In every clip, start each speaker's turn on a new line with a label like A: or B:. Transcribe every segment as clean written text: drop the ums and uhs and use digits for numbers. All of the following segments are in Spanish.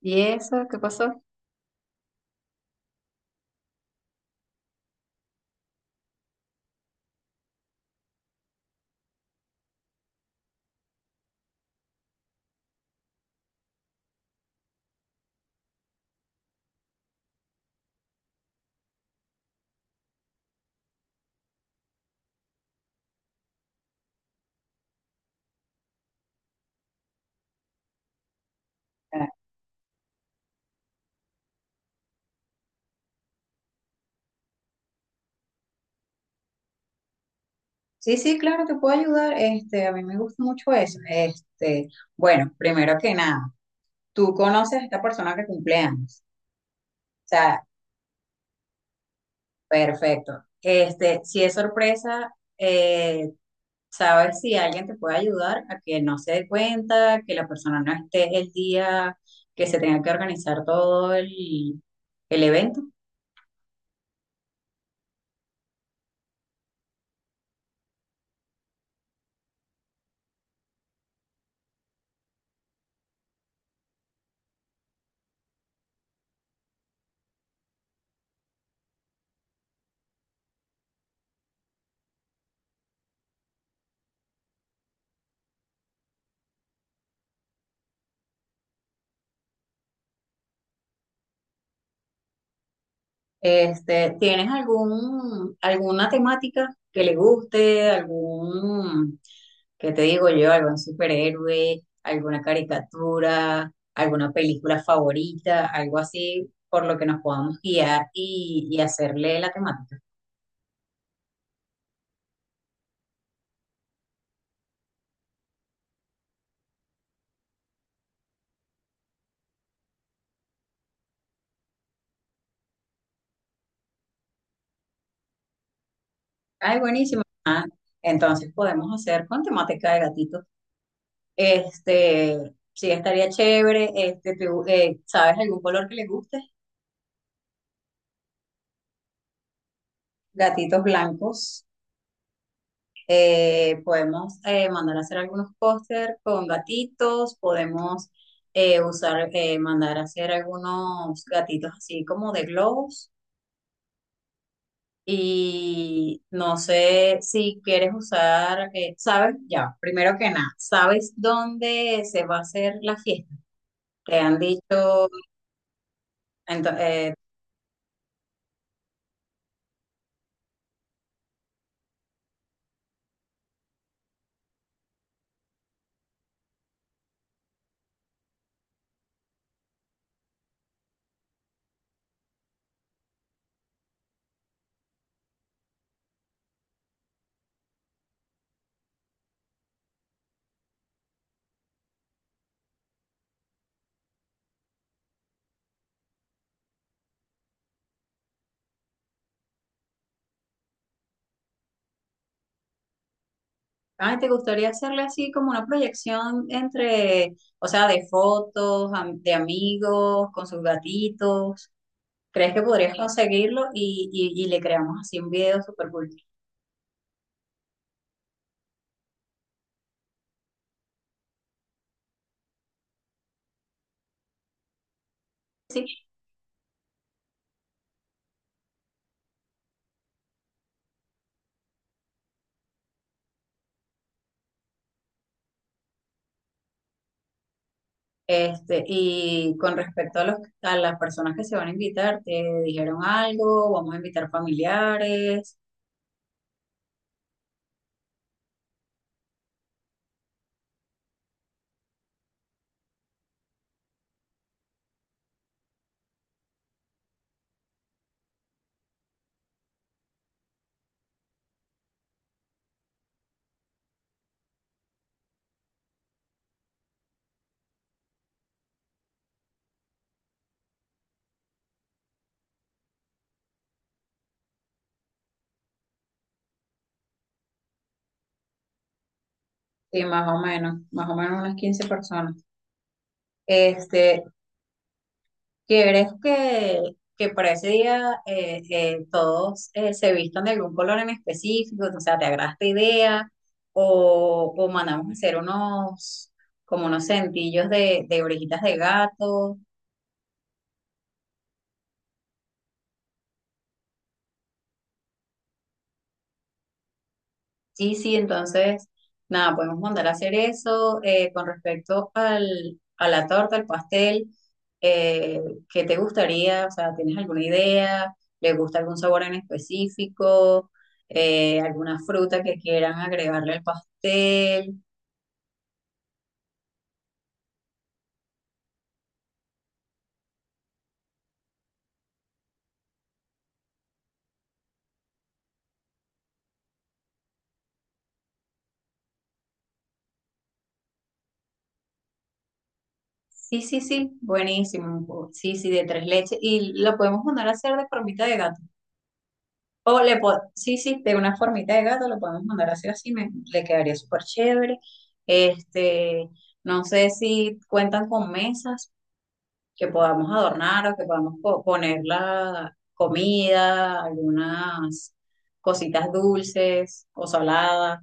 A: ¿Y eso? ¿Qué pasó? Ah, sí, sí, claro, te puedo ayudar. Este, a mí me gusta mucho eso. Este, bueno, primero que nada, tú conoces a esta persona que cumple años. O sea, perfecto. Este, si es sorpresa, eh, sabes si alguien te puede ayudar a que no se dé cuenta, que la persona no esté el día que se tenga que organizar todo el evento. Este, ¿tienes algún, alguna temática que le guste? ¿Algún, qué te digo yo? ¿Algún superhéroe? ¿Alguna caricatura? ¿Alguna película favorita? Algo así por lo que nos podamos guiar y hacerle la temática. Ay, buenísimo. Entonces podemos hacer con temática de gatitos. Este, sí, estaría chévere. Este, ¿sabes algún color que le guste? Gatitos blancos. Podemos mandar a hacer algunos póster con gatitos, podemos usar, mandar a hacer algunos gatitos así como de globos. Y no sé si quieres usar, sabes, ya, primero que nada, ¿sabes dónde se va a hacer la fiesta? Te han dicho, ento- eh, ay, ¿te gustaría hacerle así como una proyección entre, o sea, de fotos, de amigos, con sus gatitos? ¿Crees que podrías conseguirlo? Y le creamos así un video súper cool. Este, y con respecto a a las personas que se van a invitar, ¿te dijeron algo? ¿Vamos a invitar familiares? Sí, más o menos unas 15 personas. Este, ¿quieres que, que para ese día todos se vistan de algún color en específico? O sea, ¿te agrada esta idea? O mandamos a hacer unos, como unos cintillos de orejitas de gato? Sí, sí, entonces, nada, podemos mandar a hacer eso. Con respecto al, a la torta, al pastel, eh, ¿qué te gustaría? O sea, ¿tienes alguna idea? ¿Le gusta algún sabor en específico? ¿Alguna fruta que quieran agregarle al pastel? Sí, sí, sí, buenísimo. Sí, sí, de tres leches. Y lo podemos mandar a hacer de formita de gato. Sí, sí, de una formita de gato lo podemos mandar así, así, le quedaría súper chévere. Este, no sé si cuentan con mesas que podamos adornar o que podamos poner la comida, algunas cositas dulces o saladas.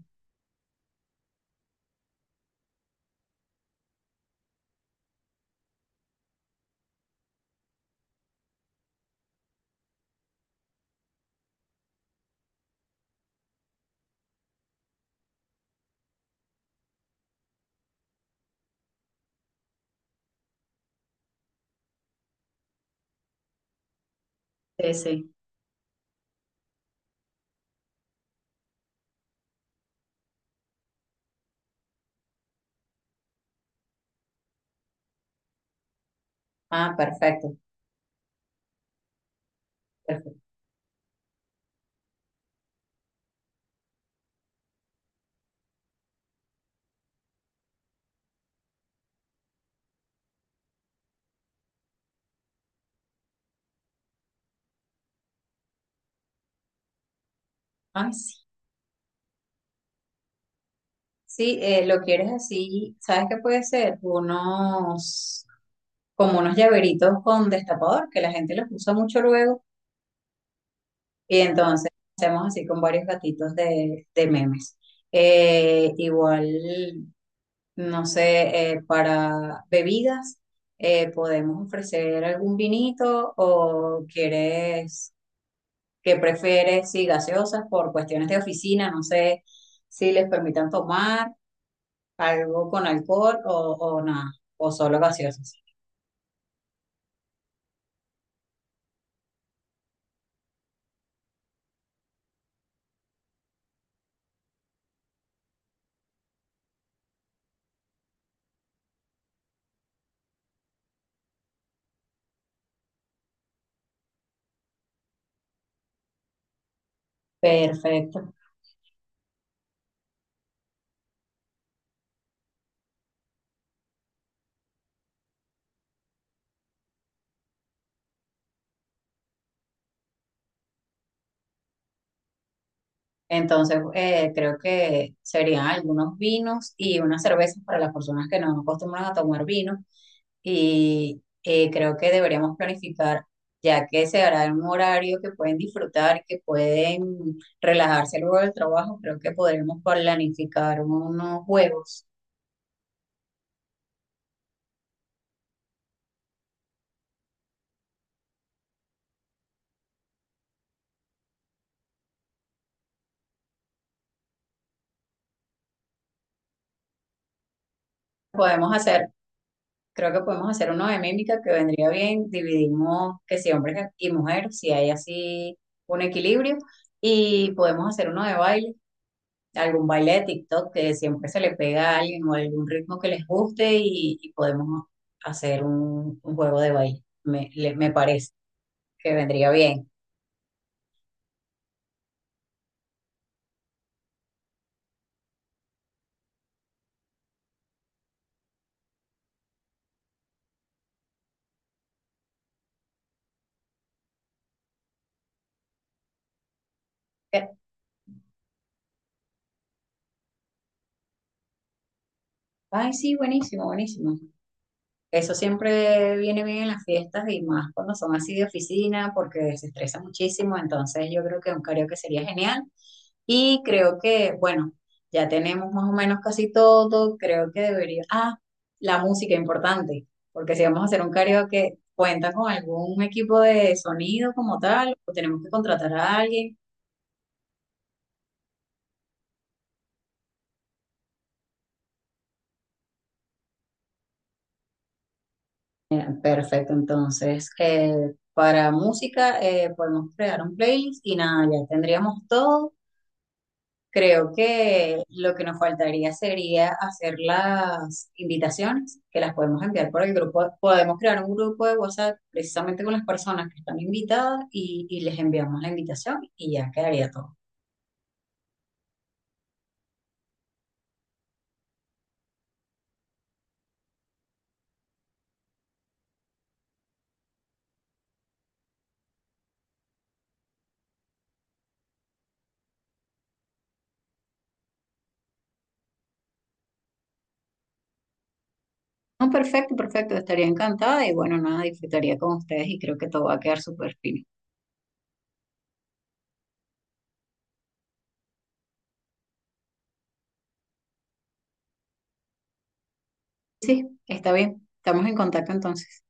A: Sí, sí. Ah, perfecto, perfecto. Ay, sí. Sí, lo quieres así, ¿sabes qué puede ser? Unos, como unos llaveritos con destapador, que la gente los usa mucho luego. Y entonces hacemos así con varios gatitos de memes. Igual, no sé, para bebidas, podemos ofrecer algún vinito o quieres, que prefieres, sí, gaseosas por cuestiones de oficina, no sé si les permitan tomar algo con alcohol o nada, o solo gaseosas. Perfecto. Entonces, creo que serían algunos vinos y unas cervezas para las personas que no acostumbran a tomar vino. Y creo que deberíamos planificar, ya que se hará en un horario que pueden disfrutar, que pueden relajarse luego del trabajo, creo que podremos planificar unos juegos. Podemos hacer, creo que podemos hacer uno de mímica que vendría bien. Dividimos que si hombres y mujeres, si hay así un equilibrio. Y podemos hacer uno de baile, algún baile de TikTok que siempre se le pega a alguien o algún ritmo que les guste y podemos hacer un juego de baile. Me parece que vendría bien. Eh, Ay, sí, buenísimo, buenísimo. Eso siempre viene bien en las fiestas y más cuando son así de oficina porque se estresa muchísimo, entonces yo creo que un karaoke sería genial y creo que, bueno, ya tenemos más o menos casi todo, creo que debería... Ah, la música importante, porque si vamos a hacer un karaoke, ¿cuenta con algún equipo de sonido como tal o tenemos que contratar a alguien? Perfecto, entonces para música podemos crear un playlist y nada, ya tendríamos todo. Creo que lo que nos faltaría sería hacer las invitaciones, que las podemos enviar por el grupo. Podemos crear un grupo de WhatsApp precisamente con las personas que están invitadas y les enviamos la invitación y ya quedaría todo. No, perfecto, perfecto. Estaría encantada y bueno, nada, disfrutaría con ustedes y creo que todo va a quedar súper fino. Sí, está bien. Estamos en contacto entonces.